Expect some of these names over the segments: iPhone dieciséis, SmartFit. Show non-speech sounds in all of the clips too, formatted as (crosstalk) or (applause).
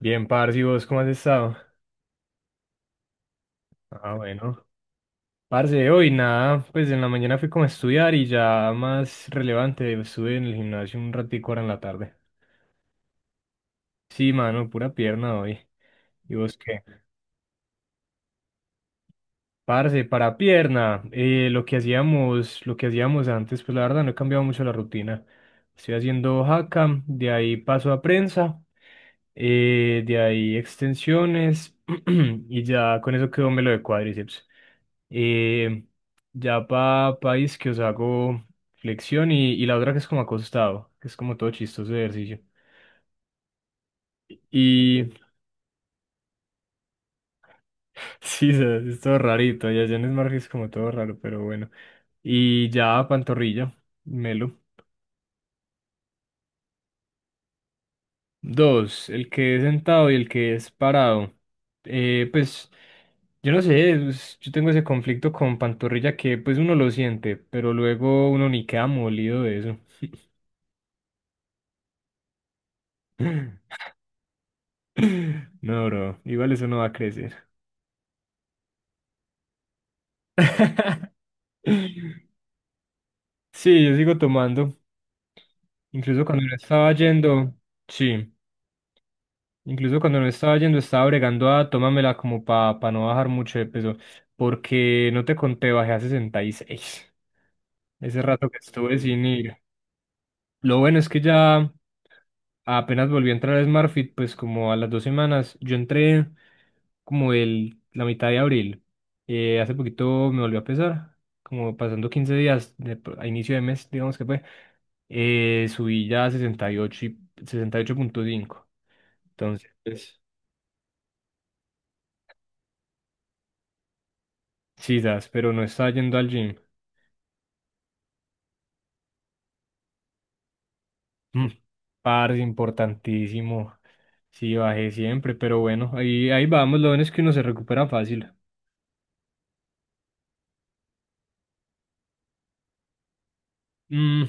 Bien, parce, ¿y vos cómo has estado? Ah, bueno. Parce, hoy nada, pues en la mañana fui como a estudiar y ya más relevante, estuve en el gimnasio un ratico ahora en la tarde. Sí, mano, pura pierna hoy. ¿Y vos qué? Parce, para pierna, lo que hacíamos antes, pues la verdad no he cambiado mucho la rutina. Estoy haciendo hackam, de ahí paso a prensa, de ahí extensiones (clears throat) y ya con eso quedó me lo de cuádriceps. Eh, ya para país que os hago flexión y la otra que es como acostado, que es como todo chistoso de ejercicio. Y (laughs) sí, o sea, es todo rarito, ya en Smart es como todo raro, pero bueno. Y ya pantorrilla, melo. Dos, el que es sentado y el que es parado. Pues, yo no sé, yo tengo ese conflicto con Pantorrilla que pues uno lo siente, pero luego uno ni queda molido de eso. (laughs) No, bro, igual eso no va a crecer. (laughs) Sí, yo sigo tomando. Incluso cuando no estaba yendo, sí, incluso cuando no estaba yendo estaba bregando a tómamela como para no bajar mucho de peso, porque no te conté, bajé a 66. Ese rato que estuve sin ir. Lo bueno es que ya apenas volvió a entrar a SmartFit, pues como a las 2 semanas. Yo entré como la mitad de abril. Hace poquito me volvió a pesar, como pasando 15 días a inicio de mes, digamos que fue. Subí ya a 68,8, 68,5. Entonces, pues, sí, das, pero no estaba yendo al gym. Mm, parce, importantísimo. Sí, bajé siempre, pero bueno, ahí vamos. Lo bueno es que uno se recupera fácil. Mm,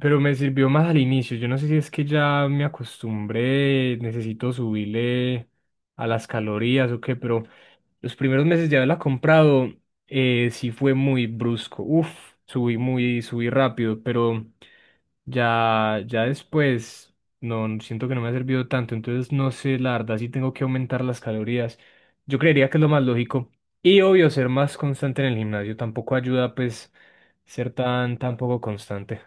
pero me sirvió más al inicio. Yo no sé si es que ya me acostumbré, necesito subirle a las calorías o qué, pero los primeros meses de haberla comprado, sí fue muy brusco. Uf, subí rápido, pero ya después siento que no me ha servido tanto. Entonces no sé, la verdad, sí tengo que aumentar las calorías. Yo creería que es lo más lógico. Y obvio, ser más constante en el gimnasio tampoco ayuda, pues, ser tan, tan poco constante.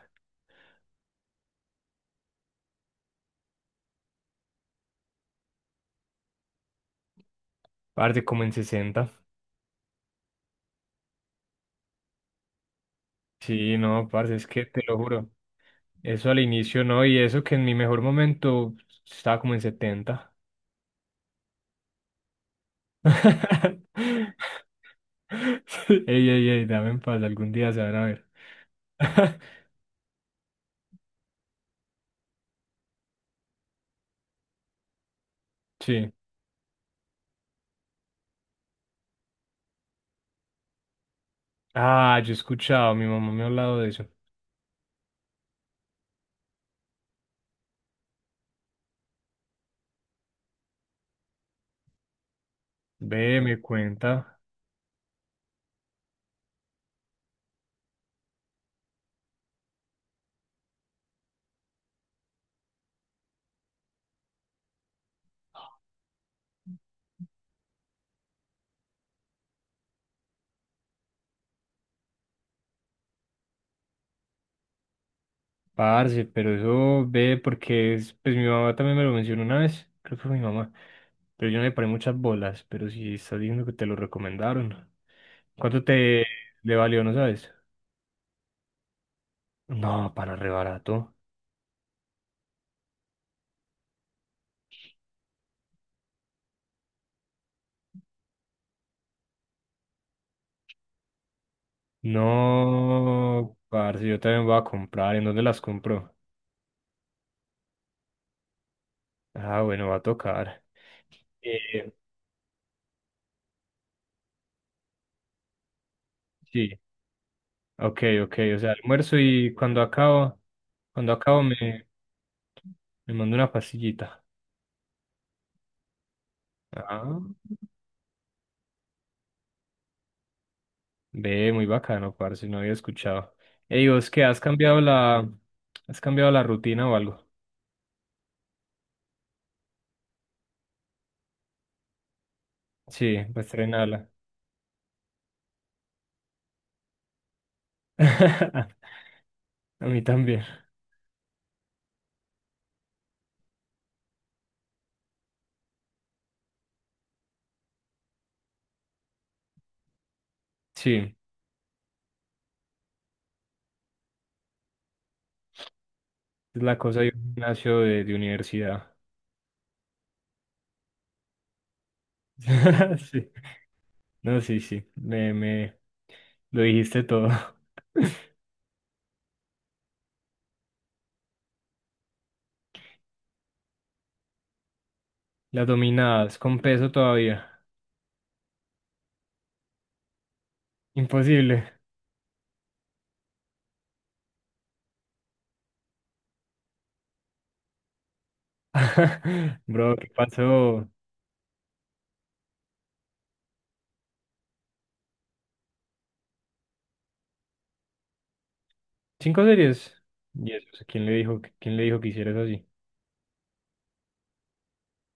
Parce, como en 60. Sí, no, parce, es que te lo juro. Eso al inicio no, y eso que en mi mejor momento estaba como en 70. (laughs) Ey, ey, ey, dame en paz, algún día se van a ver. (laughs) Sí. Ah, yo he escuchado, mi mamá me ha hablado de eso. Ve, me cuenta, parce, pero eso ve porque es, pues mi mamá también me lo mencionó una vez, creo que fue mi mamá. Pero yo no le paré muchas bolas, pero si estás diciendo que te lo recomendaron. ¿Cuánto te le valió, no sabes? No, para re barato. No, parce, yo también voy a comprar. ¿En dónde las compro? Ah, bueno, va a tocar. Eh, sí, ok, ok. O sea, almuerzo y cuando acabo, me, me mando una pastillita. Ah, ve, muy bacano, parce, no había escuchado. Ey, ¿vos qué? ¿Has cambiado has cambiado la rutina o algo? Sí, pues estrenarla. (laughs) A mí también. Sí, es la cosa de un gimnasio de universidad. (laughs) Sí. No, sí, sí. Me lo dijiste todo. (laughs) Las dominadas con peso todavía. Imposible. (laughs) Bro, ¿qué pasó? ¿Cinco series? ¿Y eso? O sea, ¿quién le dijo, quién le dijo que hicieras así?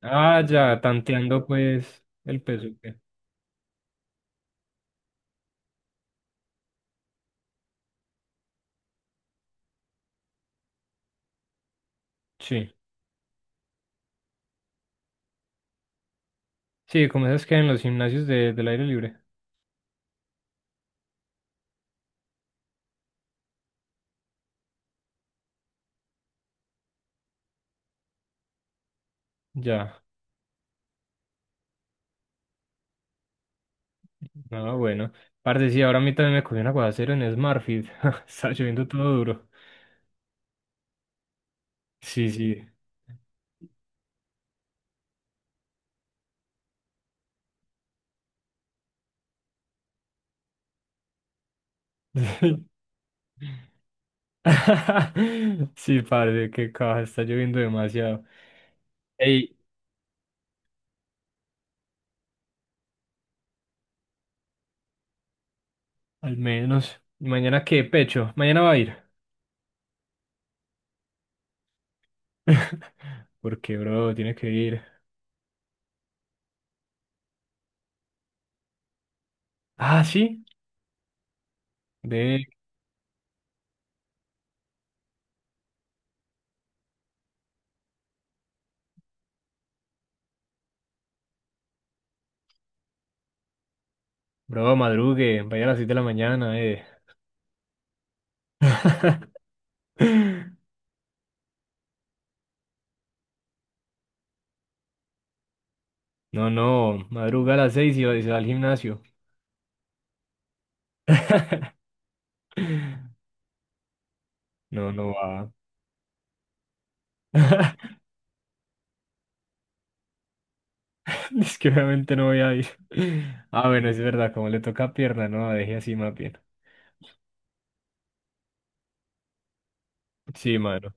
Ah, ya, tanteando pues el peso. ¿Qué? Sí. Sí, como esas que hay en los gimnasios del aire libre. Ya. Ah, bueno. Parce, sí, ahora a mí también me cogió un aguacero en Smartfit. (laughs) Está lloviendo todo duro. Sí, sí. (laughs) Sí, parce, qué caja, está lloviendo demasiado. Ey, al menos. ¿Y mañana qué, pecho? Mañana va a ir. (laughs) Porque, bro, tiene que ir. Ah, sí. Ve, bro, madrugue. Vaya a las 6 de la mañana, eh. (laughs) No, no. Madruga a las 6 y se va al gimnasio. (laughs) No, no va. (laughs) (laughs) Es que obviamente no voy a ir. (laughs) Ah, bueno, es verdad, como le toca pierna, no, deje así más bien. Sí, mano.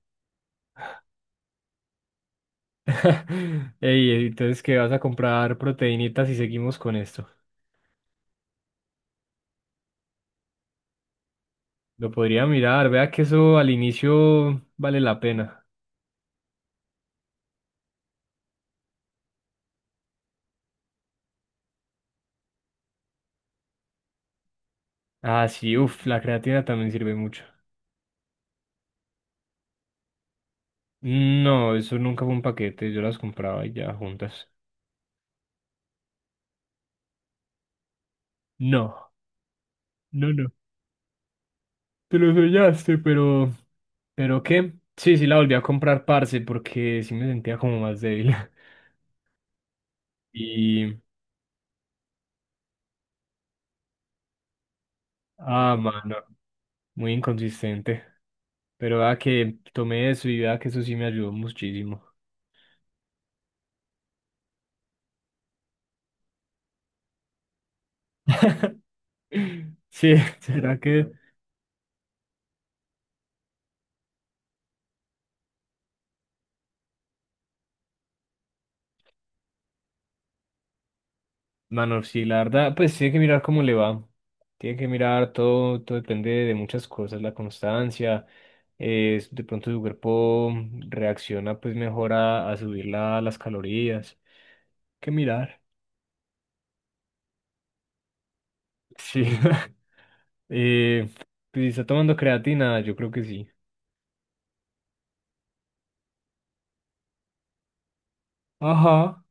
(laughs) Ey, entonces, ¿qué vas a comprar proteínitas y seguimos con esto? Lo podría mirar, vea que eso al inicio vale la pena. Ah, sí, uff, la creatina también sirve mucho. No, eso nunca fue un paquete, yo las compraba y ya juntas. No, no, no. Te lo soñaste, pero... ¿Pero qué? Sí, sí, la volví a comprar, parce, porque sí me sentía como más débil. (laughs) Y, ah, mano, muy inconsistente. Pero vea que tomé eso y vea que eso sí me ayudó muchísimo. (laughs) Sí, será que, mano, sí, la verdad, pues tiene que mirar cómo le va. Tiene que mirar todo, todo depende de muchas cosas, la constancia, de pronto su cuerpo reacciona pues mejor a subir las calorías. Hay que mirar. Sí. (laughs) Eh, pues si está tomando creatina, yo creo que sí. Ajá.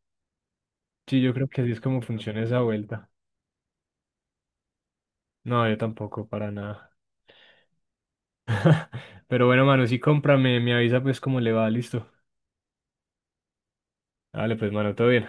Sí, yo creo que así es como funciona esa vuelta. No, yo tampoco, para nada. (laughs) Pero bueno, mano, sí cómprame, me avisa pues cómo le va, listo. Dale, pues, mano, todo bien.